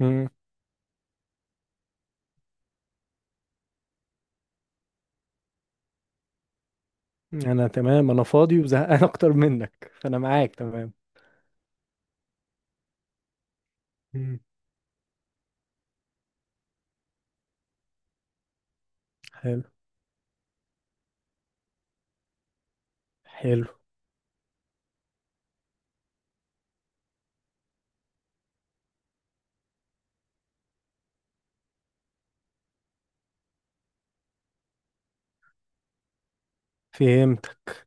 مم. انا تمام، انا فاضي وزهقان اكتر منك، فانا معاك تمام. مم. حلو. حلو. فهمتك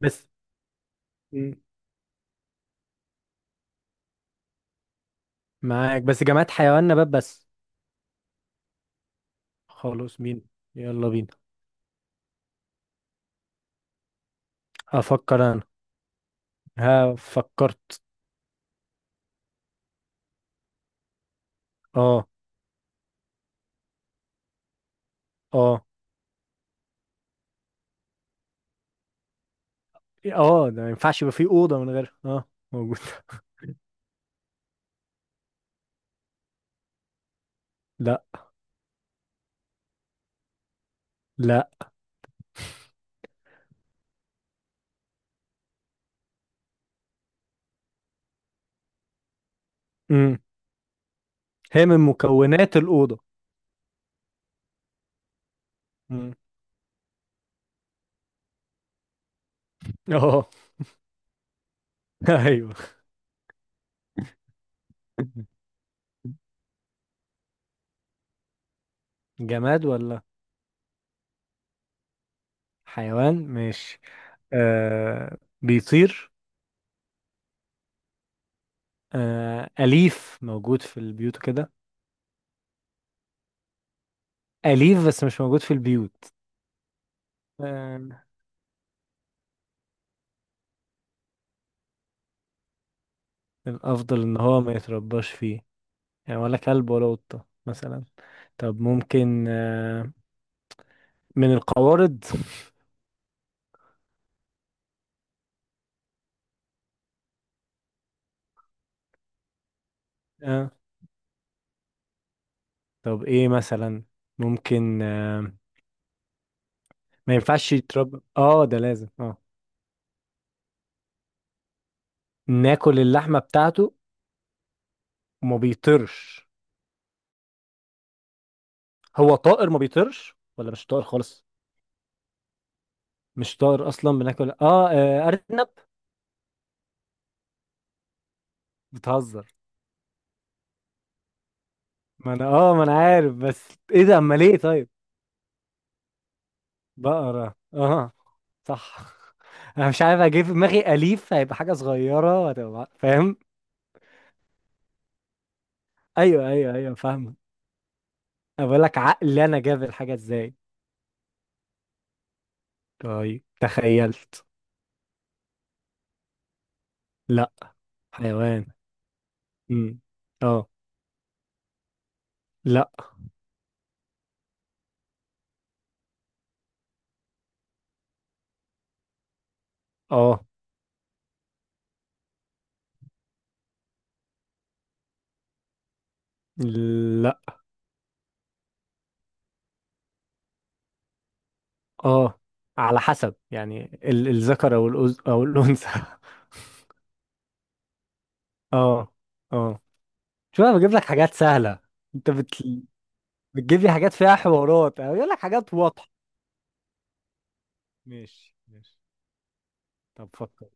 بس. مم. معاك، بس جماعة حيوان نبات بس. خلاص، مين؟ يلا بينا. افكر انا. ها، فكرت. اه. اه. اه، ده ما ينفعش يبقى فيه اوضة من غير موجود لا، لا. مم. هي من مكونات الأوضة. مم. اه. ايوه. جماد ولا حيوان؟ ماشي. بيطير؟ آه، أليف موجود في البيوت وكده؟ أليف بس مش موجود في البيوت؟ آه، الأفضل إن هو ما يترباش فيه. يعني ولا كلب ولا قطة مثلا؟ طب، ممكن من القوارض؟ آه. طب، إيه مثلا؟ ممكن ما ينفعش يتربى، ده لازم ناكل اللحمة بتاعته؟ وما بيطيرش؟ هو طائر ما بيطيرش ولا مش طائر خالص؟ مش طائر أصلا، بناكل أرنب. بتهزر؟ ما انا عارف، بس ايه ده؟ اما ليه طيب. بقرة، اه. صح. انا مش عارف اجيب في دماغي، اليف هيبقى حاجة صغيرة وهتبقى فاهم. ايوه، ايوه، ايوه، فاهمة. انا بقول لك عقلي انا جاب الحاجة ازاي. طيب، تخيلت. لا. حيوان. امم. اه. لا. اه. لا. اه. على حسب، يعني الذكر او او الانثى اه. اه. شوف، انا بجيب لك حاجات سهلة. انت بتجيب لي حاجات فيها حوارات أو يقول لك حاجات واضحة. ماشي، ماشي. طب، فكر.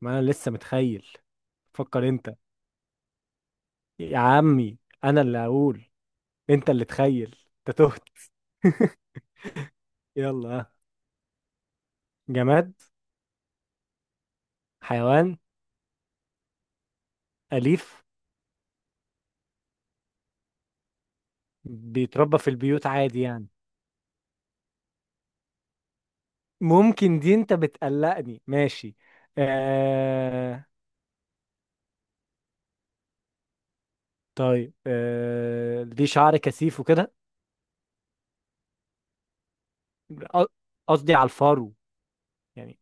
ما أنا لسه متخيل. فكر أنت. يا عمي. أنا اللي هقول. أنت اللي تخيل. أنت تهت. يلا ها. جماد؟ حيوان؟ أليف؟ بيتربى في البيوت عادي يعني؟ ممكن؟ دي أنت بتقلقني. ماشي. آه... طيب، دي شعر كثيف وكده؟ أ- قصدي على الفرو يعني.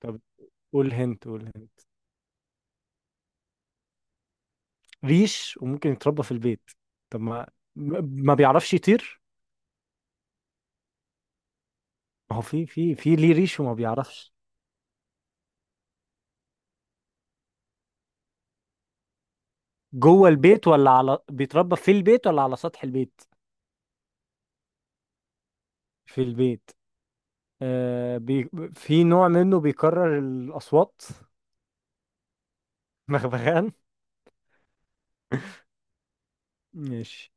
طب، قول هنت، قول هنت. ريش وممكن يتربى في البيت؟ طب، ما ما بيعرفش يطير. ما هو في ليه ريش وما بيعرفش. جوه البيت ولا بيتربى في البيت ولا على سطح البيت؟ في البيت؟ آه بي... في نوع منه بيكرر الأصوات. مغبغان. ماشي.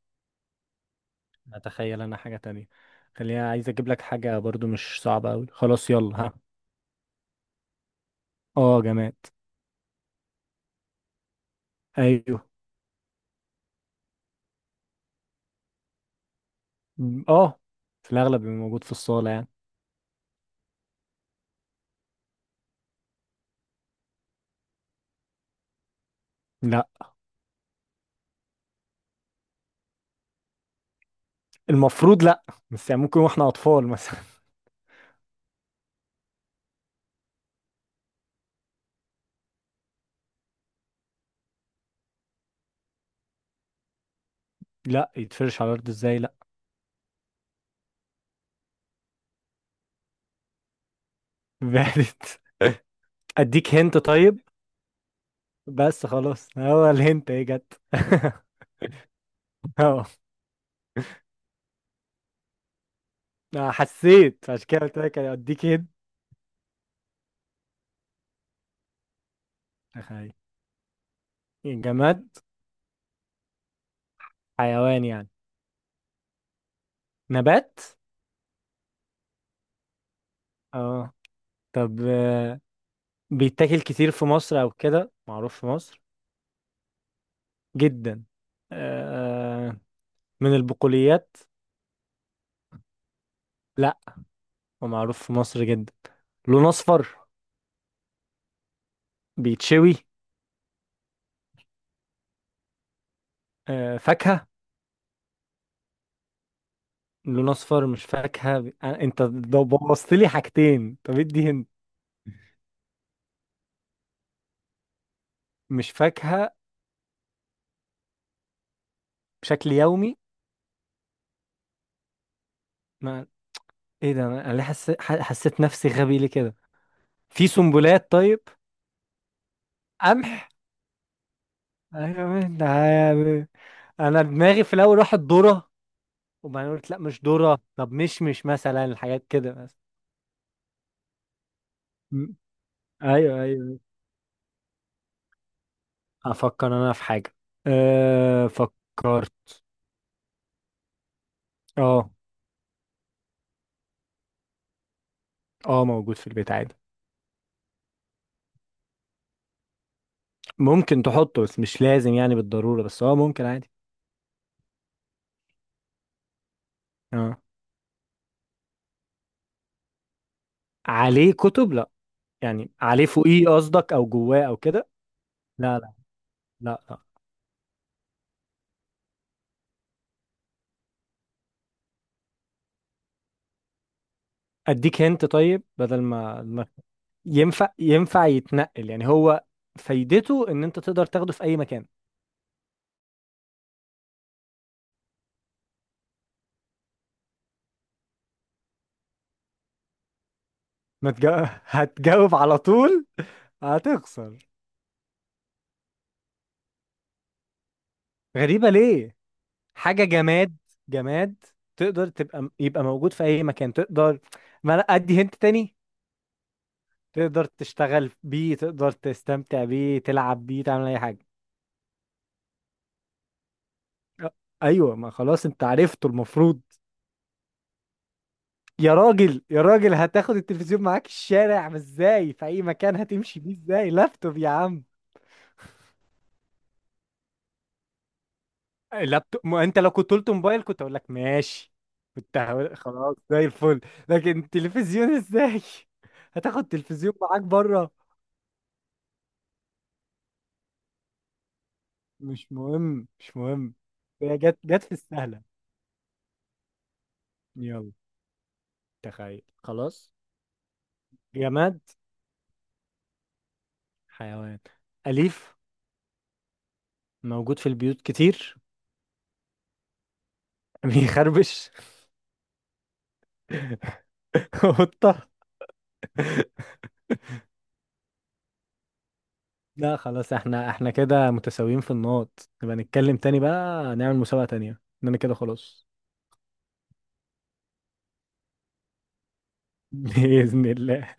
اتخيل انا حاجة تانية. خليني عايز اجيب لك حاجة برضو مش صعبة اوي. خلاص، يلا ها. اه، جماد. ايوه. م- اه في الاغلب بيبقى موجود في الصالة يعني. لا، المفروض لا. بس يعني ممكن واحنا اطفال مثلا. لا، يتفرش على الارض ازاي؟ لا. بعدت. اديك هنت، طيب. بس خلاص، هو الهنت ايه جت؟ اهو. أنا حسيت، عشان كده قلت لك اديك هنت. تخيل. جماد؟ حيوان يعني؟ نبات؟ اه. طب، بيتاكل كتير في مصر او كده معروف في مصر؟ جدا. آه، من البقوليات؟ لا. ومعروف في مصر جدا. لون اصفر؟ بيتشوي؟ فاكهة؟ لون اصفر مش فاكهه، انت ده بوظت لي حاجتين. طب، ادي هنت. مش فاكهه. بشكل يومي؟ ما ايه ده، انا ليه حسيت نفسي غبي ليه كده؟ في سنبلات، طيب. قمح؟ أيوة، يعني. انا دماغي في الاول راحت ذره. وبعدين قلت لا مش ذره، طب مش مثلا الحاجات كده بس. م- ايوه، ايوه. افكر انا في حاجه. أه، فكرت. اه. اه، موجود في البيت عادي. ممكن تحطه بس مش لازم يعني بالضروره، بس ممكن عادي. اه. عليه كتب؟ لا. يعني عليه فوقيه قصدك او جواه او كده؟ لا، لا. لا، لا. اديك هنت طيب، بدل ما ينفع، يتنقل يعني هو؟ فايدته ان انت تقدر تاخده في اي مكان؟ ما هتجاوب على طول، هتخسر. غريبة ليه؟ حاجة جماد. جماد. تقدر يبقى موجود في اي مكان، تقدر. ما لا، ادي هنت تاني. تقدر تشتغل بيه، تقدر تستمتع بيه، تلعب بيه، تعمل اي حاجة. أ- ايوه، ما خلاص انت عرفته المفروض. يا راجل، يا راجل، هتاخد التلفزيون معاك الشارع؟ ما ازاي؟ في اي مكان هتمشي بيه ازاي؟ لابتوب يا عم. لابتوب، ما انت لو كنت قلت موبايل كنت اقول لك ماشي. كنت هقول خلاص، زي الفل. لكن تلفزيون ازاي؟ هتاخد تلفزيون معاك بره؟ مش مهم، مش مهم. هي جت جت في السهلة. يلا. تخيل خلاص. جماد؟ حيوان؟ أليف؟ موجود في البيوت كتير؟ بيخربش؟ قطة. لا خلاص، احنا كده متساويين في النقط، نبقى نتكلم تاني بقى، نعمل مسابقة تانية اننا كده. خلاص. بإذن الله.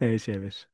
ماشي يا باشا.